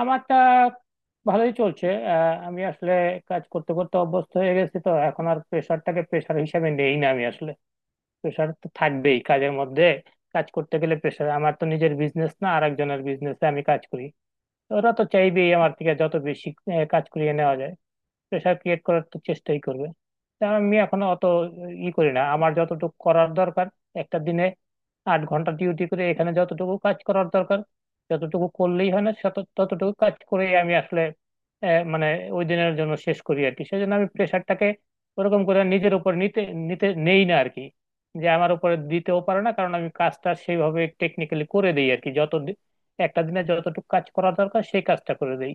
আমারটা ভালোই চলছে। আমি আসলে কাজ করতে করতে অভ্যস্ত হয়ে গেছি, তো এখন আর প্রেশারটাকে প্রেশার হিসাবে নেই না। আমি আসলে প্রেশার তো থাকবেই কাজের মধ্যে। কাজ করতে গেলে প্রেশার, আমার তো নিজের বিজনেস না, আর একজনের বিজনেসে আমি কাজ করি, তো ওরা তো চাইবেই আমার থেকে যত বেশি কাজ করিয়ে নেওয়া যায়। প্রেশার ক্রিয়েট করার তো চেষ্টাই করবে। তা আমি এখনো অত ই করি না, আমার যতটুকু করার দরকার একটা দিনে 8 ঘন্টা ডিউটি করে এখানে যতটুকু কাজ করার দরকার, যতটুকু করলেই হয় না ততটুকু কাজ করে আমি আসলে মানে ওই দিনের জন্য শেষ করি আর কি। সেজন্য আমি প্রেশারটাকে ওরকম করে নিজের উপর নিতে নিতে নেই না আর কি। যে আমার উপরে দিতেও পারে না, কারণ আমি কাজটা সেইভাবে টেকনিক্যালি করে দিই আর কি। একটা দিনে যতটুকু কাজ করা দরকার সেই কাজটা করে দিই।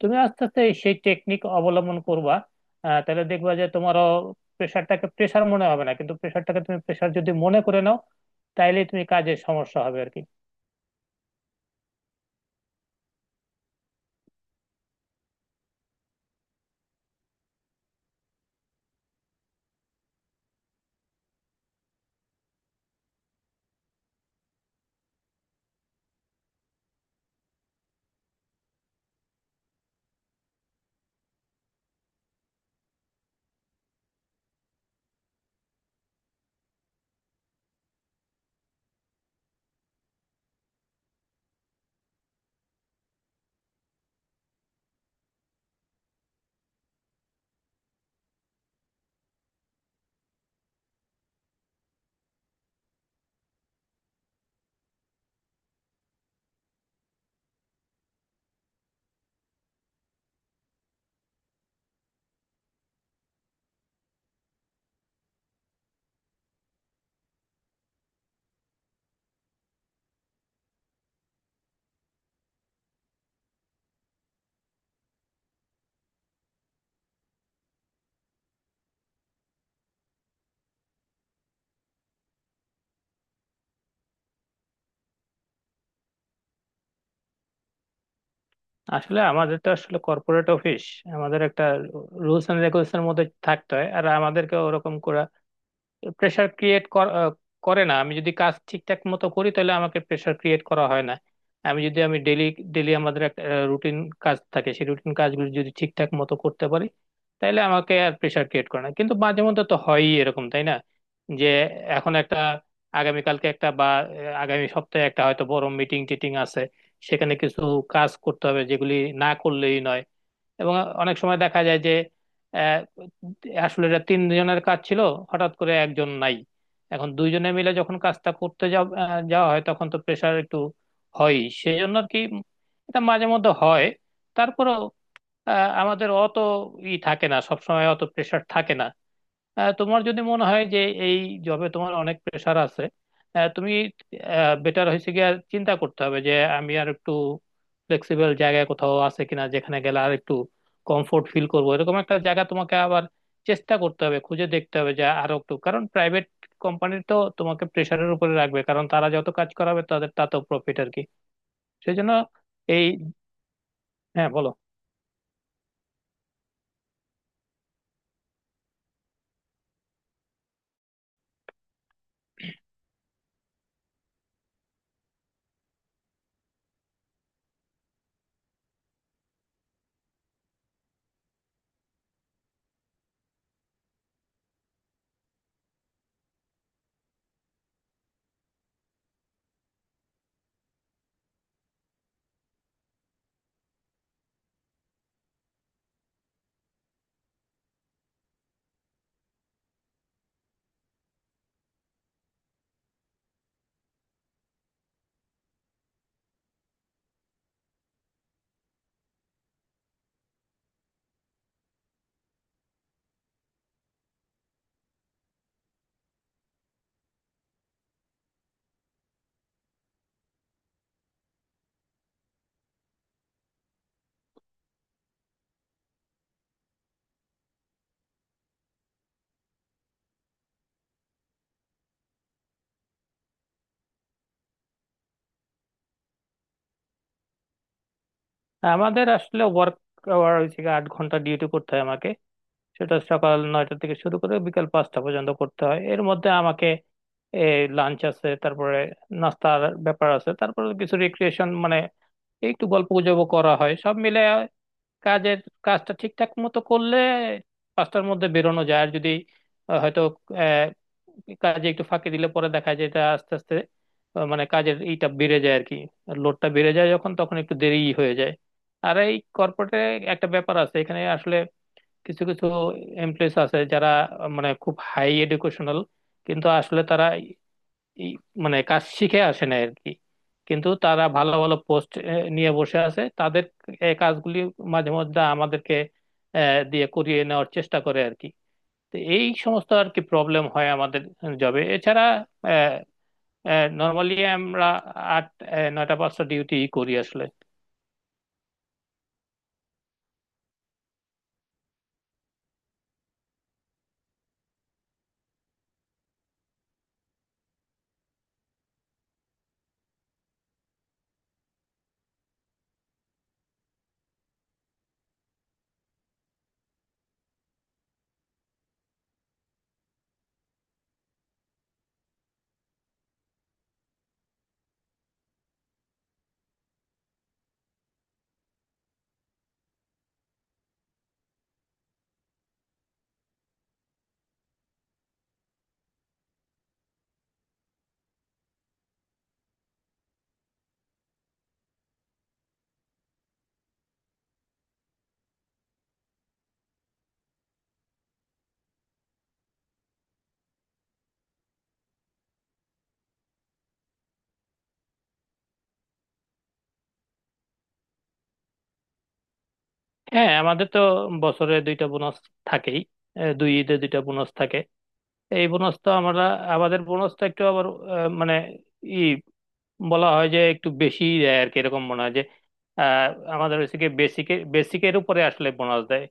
তুমি আস্তে আস্তে সেই টেকনিক অবলম্বন করবা, তাহলে দেখবা যে তোমারও প্রেশারটাকে প্রেশার মনে হবে না, কিন্তু প্রেশারটাকে তুমি প্রেশার যদি মনে করে নাও তাইলে তুমি কাজে সমস্যা হবে আর কি। আসলে আমাদের তো আসলে কর্পোরেট অফিস, আমাদের একটা রুলস এন্ড রেগুলেশনের মধ্যে থাকতে হয়, আর আমাদেরকে ওরকম করে প্রেশার ক্রিয়েট করে না। আমি যদি কাজ ঠিকঠাক মতো করি তাহলে আমাকে প্রেশার ক্রিয়েট করা হয় না। আমি ডেলি ডেলি আমাদের একটা রুটিন কাজ থাকে, সেই রুটিন কাজগুলো যদি ঠিকঠাক মতো করতে পারি তাহলে আমাকে আর প্রেশার ক্রিয়েট করে না। কিন্তু মাঝে মধ্যে তো হয়ই এরকম, তাই না? যে এখন একটা আগামী সপ্তাহে একটা হয়তো বড় মিটিং টিটিং আছে, সেখানে কিছু কাজ করতে হবে যেগুলি না করলেই নয়। এবং অনেক সময় দেখা যায় যে আহ, আসলে এটা তিনজনের কাজ ছিল, হঠাৎ করে একজন নাই, এখন দুইজনে মিলে যখন কাজটা করতে যাওয়া হয় তখন তো প্রেশার একটু হয়ই, সেই জন্য আর কি। এটা মাঝে মধ্যে হয়। তারপরেও আহ, আমাদের অত ই থাকে না, সবসময় অত প্রেশার থাকে না। তোমার যদি মনে হয় যে এই জবে তোমার অনেক প্রেশার আছে, তুমি বেটার হয়েছে গিয়ে আর চিন্তা করতে হবে যে আমি আর একটু ফ্লেক্সিবল জায়গায় কোথাও আছে কিনা, যেখানে গেলে আর একটু কমফোর্ট ফিল করবো, এরকম একটা জায়গা তোমাকে আবার চেষ্টা করতে হবে, খুঁজে দেখতে হবে যে আরো একটু, কারণ প্রাইভেট কোম্পানি তো তোমাকে প্রেশারের উপরে রাখবে, কারণ তারা যত কাজ করাবে তাদের তাতেও প্রফিট আর কি, সেই জন্য এই হ্যাঁ, বলো। আমাদের আসলে ওয়ার্ক আওয়ার হচ্ছে গিয়ে 8 ঘন্টা ডিউটি করতে হয় আমাকে। সেটা সকাল 9টা থেকে শুরু করে বিকাল 5টা পর্যন্ত করতে হয়। এর মধ্যে আমাকে লাঞ্চ আছে, তারপরে নাস্তার ব্যাপার আছে, তারপরে কিছু রিক্রিয়েশন মানে একটু গল্প গুজব করা হয়। সব মিলে কাজের কাজটা ঠিকঠাক মতো করলে 5টার মধ্যে বেরোনো যায়। আর যদি আহ, হয়তো আহ, কাজে একটু ফাঁকি দিলে পরে দেখা যায় এটা আস্তে আস্তে মানে কাজের এইটা বেড়ে যায় আর কি, লোডটা বেড়ে যায়, যখন তখন একটু দেরিই হয়ে যায়। আর এই কর্পোরেটে একটা ব্যাপার আছে, এখানে আসলে কিছু কিছু এমপ্লয়িজ আছে যারা মানে খুব হাই এডুকেশনাল, কিন্তু আসলে তারা এই মানে কাজ শিখে আসে না আর কি। কিন্তু তারা ভালো ভালো পোস্ট নিয়ে বসে আছে, তাদের এই কাজগুলি মাঝে মধ্যে আমাদেরকে আহ, দিয়ে করিয়ে নেওয়ার চেষ্টা করে আর কি। তো এই সমস্ত আর কি প্রবলেম হয় আমাদের জবে। এছাড়া নর্মালি আমরা আট 9টা-5টা ডিউটি করি আসলে। হ্যাঁ, আমাদের তো বছরে দুইটা বোনাস থাকেই, দুই ঈদে দুইটা বোনাস থাকে। এই বোনস তো আমরা আমাদের বোনস তো একটু আবার মানে ই বলা হয় যে একটু বেশি দেয় আর কি, এরকম মনে হয় যে আহ, আমাদের ওইদিকে বেসিকের উপরে আসলে বোনাস দেয়।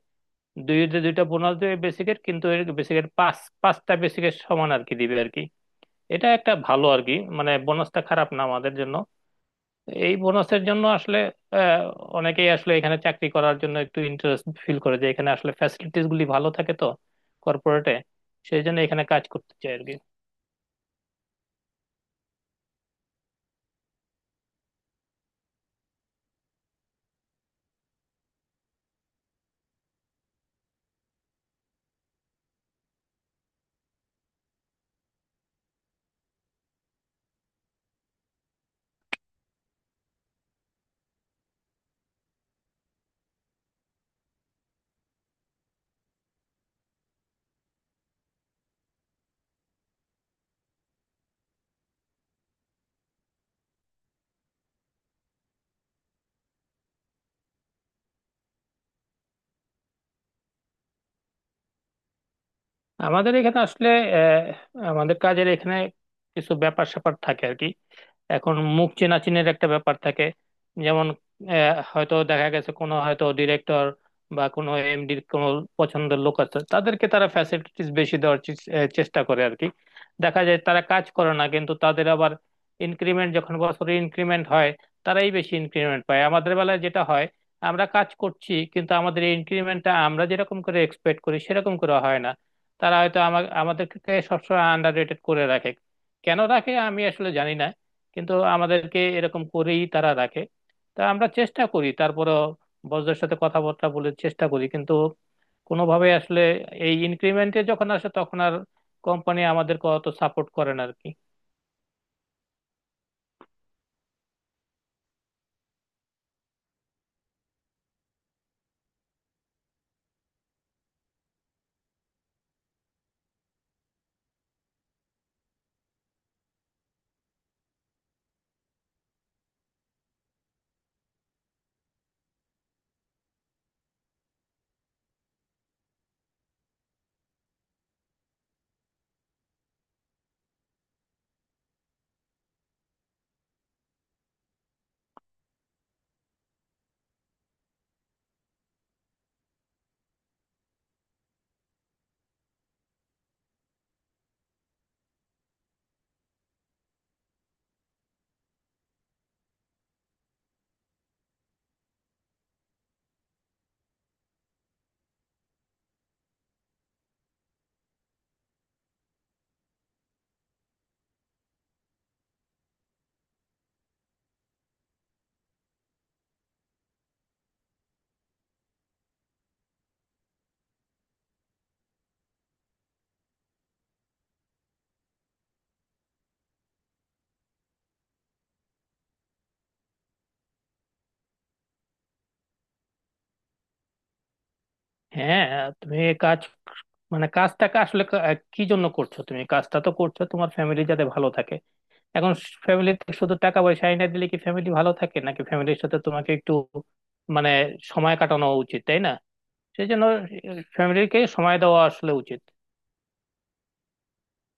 দুইটা বোনাস দেবে বেসিকের, কিন্তু বেসিকের পাঁচটা বেসিকের সমান আর কি দিবে আর কি। এটা একটা ভালো আর কি, মানে বোনাসটা খারাপ না আমাদের জন্য। এই বোনাসের জন্য আসলে আহ, অনেকেই আসলে এখানে চাকরি করার জন্য একটু ইন্টারেস্ট ফিল করে, যে এখানে আসলে ফ্যাসিলিটিস গুলি ভালো থাকে তো কর্পোরেটে, সেই জন্য এখানে কাজ করতে চায় আর কি। আমাদের এখানে আসলে আহ, আমাদের কাজের এখানে কিছু ব্যাপার স্যাপার থাকে আর কি। এখন মুখ চেনাচিনের একটা ব্যাপার থাকে। যেমন হয়তো দেখা গেছে কোনো হয়তো ডিরেক্টর বা কোনো এমডির কোনো পছন্দের লোক আছে, তাদেরকে তারা ফ্যাসিলিটিস বেশি দেওয়ার চেষ্টা করে আর কি। দেখা যায় তারা কাজ করে না, কিন্তু তাদের আবার ইনক্রিমেন্ট, যখন বছরে ইনক্রিমেন্ট হয় তারাই বেশি ইনক্রিমেন্ট পায়। আমাদের বেলায় যেটা হয়, আমরা কাজ করছি কিন্তু আমাদের ইনক্রিমেন্টটা আমরা যেরকম করে এক্সপেক্ট করি সেরকম করে হয় না। তারা হয়তো আমাদেরকে সবসময় আন্ডার রেটেড করে রাখে। কেন রাখে আমি আসলে জানি না, কিন্তু আমাদেরকে এরকম করেই তারা রাখে। তা আমরা চেষ্টা করি, তারপরে বসদের সাথে কথাবার্তা বলে চেষ্টা করি, কিন্তু কোনোভাবে আসলে এই ইনক্রিমেন্টে যখন আসে তখন আর কোম্পানি আমাদেরকে অত সাপোর্ট করে না আর কি। হ্যাঁ, তুমি এই কাজ মানে কাজটাকে আসলে কি জন্য করছো? তুমি কাজটা তো করছো তোমার ফ্যামিলি যাতে ভালো থাকে। এখন ফ্যামিলিতে শুধু টাকা পয়সা এনে দিলে কি ফ্যামিলি ভালো থাকে, নাকি ফ্যামিলির সাথে তোমাকে একটু মানে সময় কাটানো উচিত? তাই না? সেই জন্য ফ্যামিলিকে সময় দেওয়া আসলে উচিত।